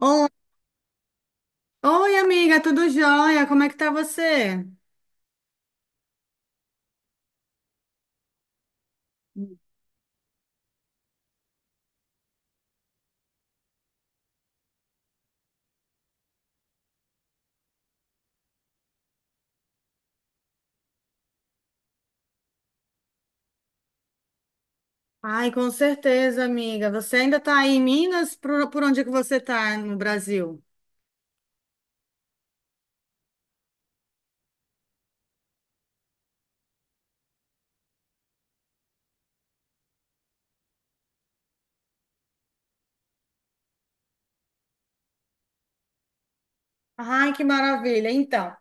Oi, oi, amiga, tudo jóia? Como é que tá você? Ai, com certeza, amiga. Você ainda tá aí em Minas? Por onde é que você tá no Brasil? Ai, que maravilha. Então,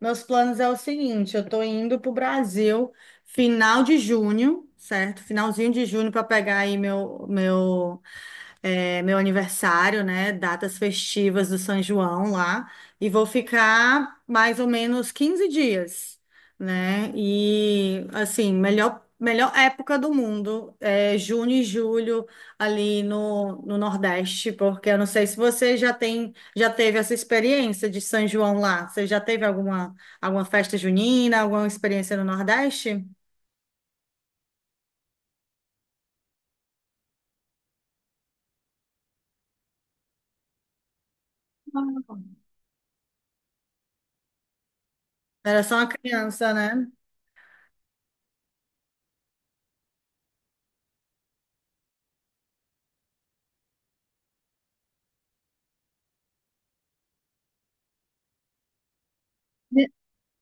meus planos é o seguinte, eu tô indo pro Brasil final de junho, certo? Finalzinho de junho para pegar aí meu aniversário, né? Datas festivas do São João lá. E vou ficar mais ou menos 15 dias, né? E, assim, melhor época do mundo é junho e julho ali no Nordeste, porque eu não sei se você já teve essa experiência de São João lá. Você já teve alguma festa junina, alguma experiência no Nordeste? Não. Era só uma criança, né?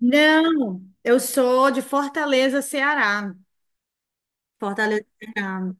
Não, eu sou de Fortaleza, Ceará. Fortaleza, Ceará.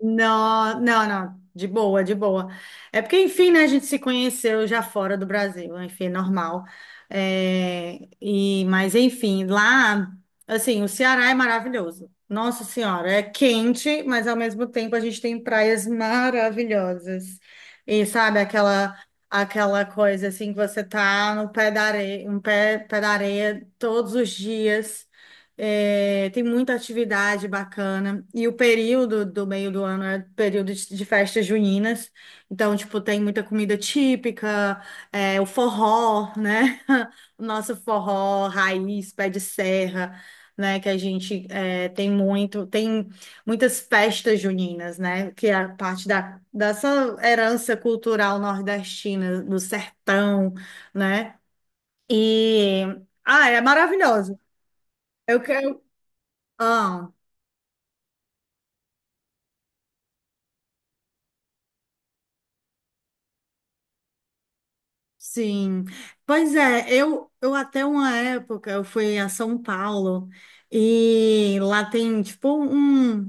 Não, não, não, de boa, de boa. É porque, enfim, né, a gente se conheceu já fora do Brasil, enfim, é normal. É, e, mas, enfim, lá, assim, o Ceará é maravilhoso. Nossa Senhora, é quente, mas ao mesmo tempo a gente tem praias maravilhosas. E sabe, aquela coisa assim que você tá no pé da areia, um pé da areia todos os dias. É, tem muita atividade bacana. E o período do meio do ano é período de festas juninas. Então, tipo, tem muita comida típica, é, o forró, né? O nosso forró raiz, pé de serra, né? Que a gente tem muitas festas juninas, né? Que é a parte dessa herança cultural nordestina, do sertão, né? E, ah, é maravilhoso. Eu quero. Sim, pois é, eu até uma época eu fui a São Paulo e lá tem tipo um,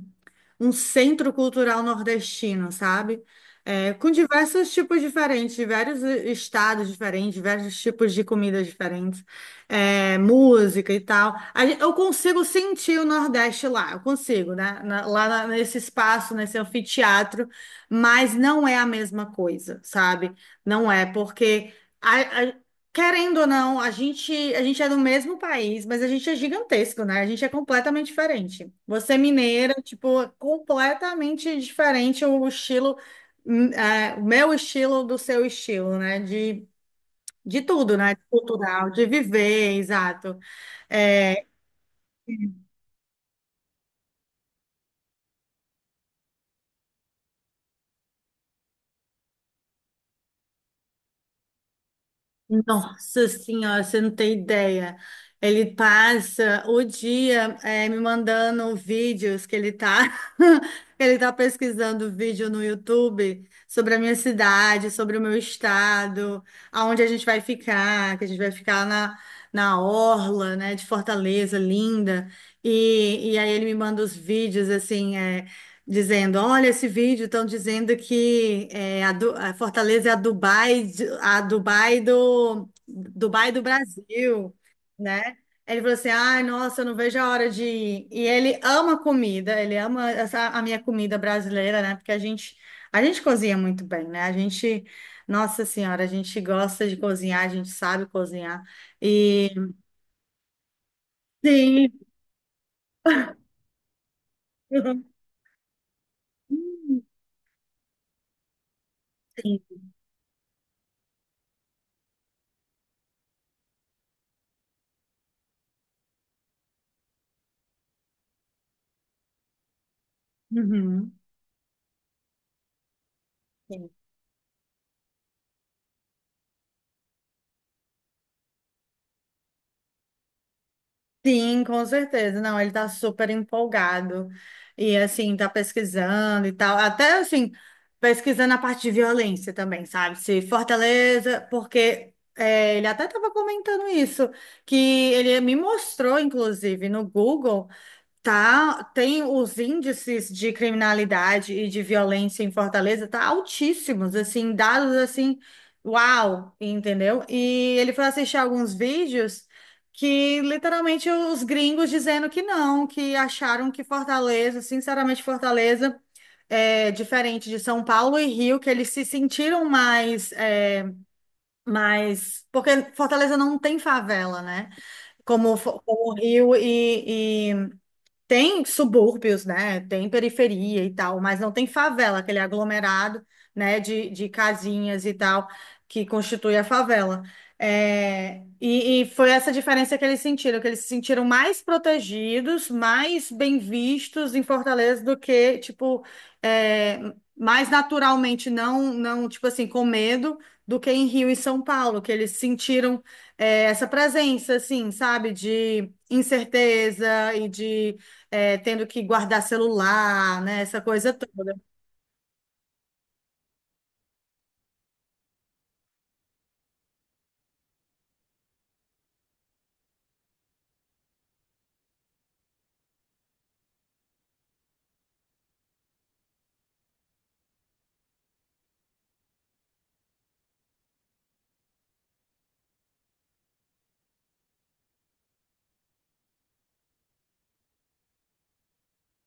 um centro cultural nordestino, sabe? É, com diversos tipos diferentes, de vários estados diferentes, diversos tipos de comidas diferentes, é, música e tal. Eu consigo sentir o Nordeste lá, eu consigo, né? Nesse espaço, nesse anfiteatro, mas não é a mesma coisa, sabe? Não é, porque. A- a- querendo ou não, a gente é do mesmo país, mas a gente é gigantesco, né? A gente é completamente diferente. Você é mineira, tipo, é completamente diferente o estilo, é, o meu estilo do seu estilo, né? De tudo, né? De cultural, de viver, exato. É, Nossa Senhora, você não tem ideia. Ele passa o dia me mandando vídeos que ele tá, ele tá pesquisando vídeo no YouTube sobre a minha cidade, sobre o meu estado, aonde a gente vai ficar, que a gente vai ficar na orla, né, de Fortaleza, linda. E aí ele me manda os vídeos assim, dizendo, olha esse vídeo, estão dizendo que a Fortaleza é a Dubai, de- a Dubai do Brasil, né? Ele falou assim, ai, nossa, eu não vejo a hora de ir. E ele ama comida, ele ama a minha comida brasileira, né? Porque a gente cozinha muito bem, né? A gente, nossa senhora, a gente gosta de cozinhar, a gente sabe cozinhar. E sim, sim, uhum. Sim, com certeza. Não, ele tá super empolgado e assim, tá pesquisando e tal. Até assim, pesquisando a parte de violência também, sabe? Se Fortaleza, porque é, ele até tava comentando isso, que ele me mostrou, inclusive, no Google. Tá, tem os índices de criminalidade e de violência em Fortaleza, tá altíssimos, assim, dados assim, uau, entendeu? E ele foi assistir alguns vídeos que literalmente os gringos dizendo que não, que acharam que Fortaleza, sinceramente, Fortaleza é diferente de São Paulo e Rio, que eles se sentiram mais, porque Fortaleza não tem favela, né? Como Rio tem subúrbios, né? Tem periferia e tal, mas não tem favela, aquele aglomerado, né, de casinhas e tal, que constitui a favela. É, e foi essa diferença que eles sentiram, que eles se sentiram mais protegidos, mais bem vistos em Fortaleza do que, tipo, é, mais naturalmente, não, não, tipo assim, com medo, do que em Rio e São Paulo, que eles sentiram, é, essa presença, assim, sabe, de incerteza e de tendo que guardar celular, né? Essa coisa toda.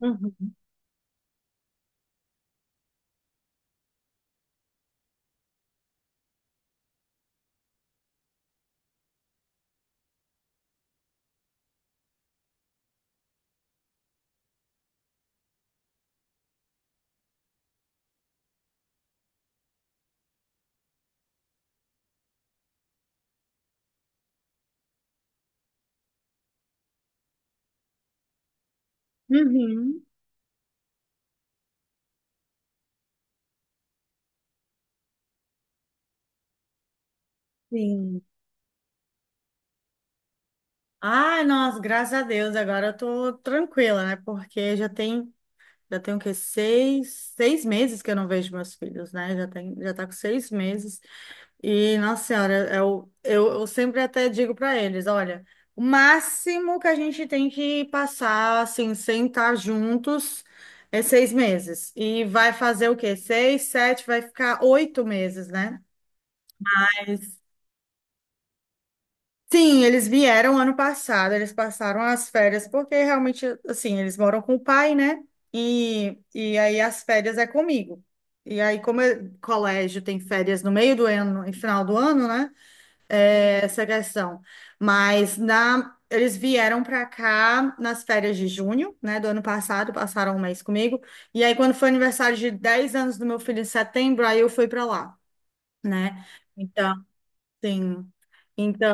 Uhum. Uhum. Sim. Ai, nossa, graças a Deus, agora eu tô tranquila, né? Porque já tem o quê? Seis, seis meses que eu não vejo meus filhos, né? Já tá com 6 meses. E, nossa senhora, eu sempre até digo para eles, olha, o máximo que a gente tem que passar, assim, sem estar juntos, é 6 meses. E vai fazer o quê? Seis, sete, vai ficar 8 meses, né? Sim, eles vieram ano passado, eles passaram as férias, porque realmente, assim, eles moram com o pai, né? E aí as férias é comigo. E aí, colégio tem férias no meio do ano e final do ano, né? É essa questão. Mas eles vieram para cá nas férias de junho, né? Do ano passado, passaram um mês comigo. E aí, quando foi aniversário de 10 anos do meu filho em setembro, aí eu fui para lá, né? Então, sim. Então,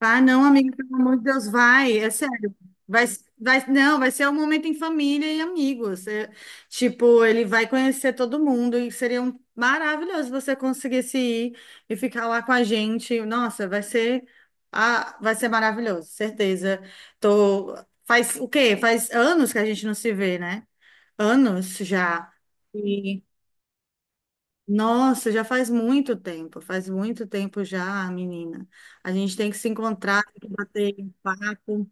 ah, não, amiga, pelo amor de Deus, vai, é sério. Vai, vai, não, vai ser um momento em família e amigos. É, tipo, ele vai conhecer todo mundo e seria maravilhoso você conseguisse ir e ficar lá com a gente. Nossa, vai ser maravilhoso, certeza. Tô, faz o quê? Faz anos que a gente não se vê, né? Anos já. Nossa, já faz muito tempo já, menina. A gente tem que se encontrar, tem que bater um papo.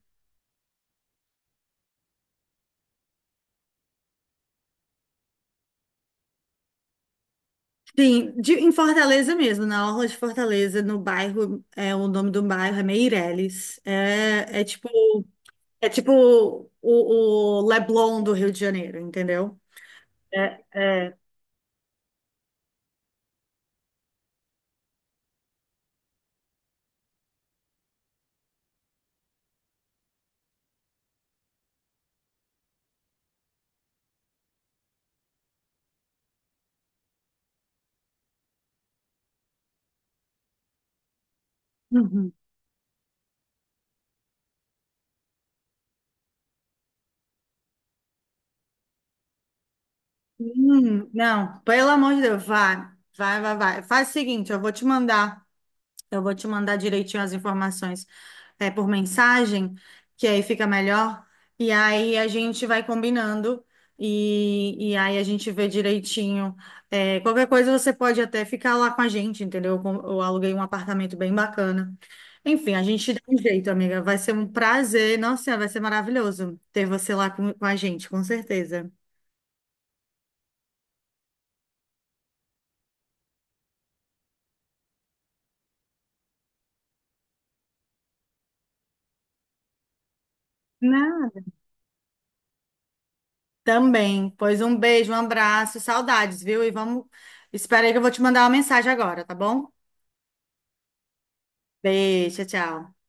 Sim, em Fortaleza mesmo, na Orla de Fortaleza, no bairro, é, o nome do bairro é Meireles. É tipo o Leblon do Rio de Janeiro, entendeu? É, é. Uhum. Não, pelo amor de Deus, vai, vai, vai, vai. Faz o seguinte, eu vou te mandar. Eu vou te mandar direitinho as informações por mensagem, que aí fica melhor. E aí a gente vai combinando e aí a gente vê direitinho. É, qualquer coisa você pode até ficar lá com a gente, entendeu? Eu aluguei um apartamento bem bacana. Enfim, a gente dá um jeito, amiga. Vai ser um prazer. Nossa, vai ser maravilhoso ter você lá com a gente, com certeza. Não. Também. Pois um beijo, um abraço, saudades, viu? E vamos. Espera aí que eu vou te mandar uma mensagem agora, tá bom? Beijo, tchau, tchau.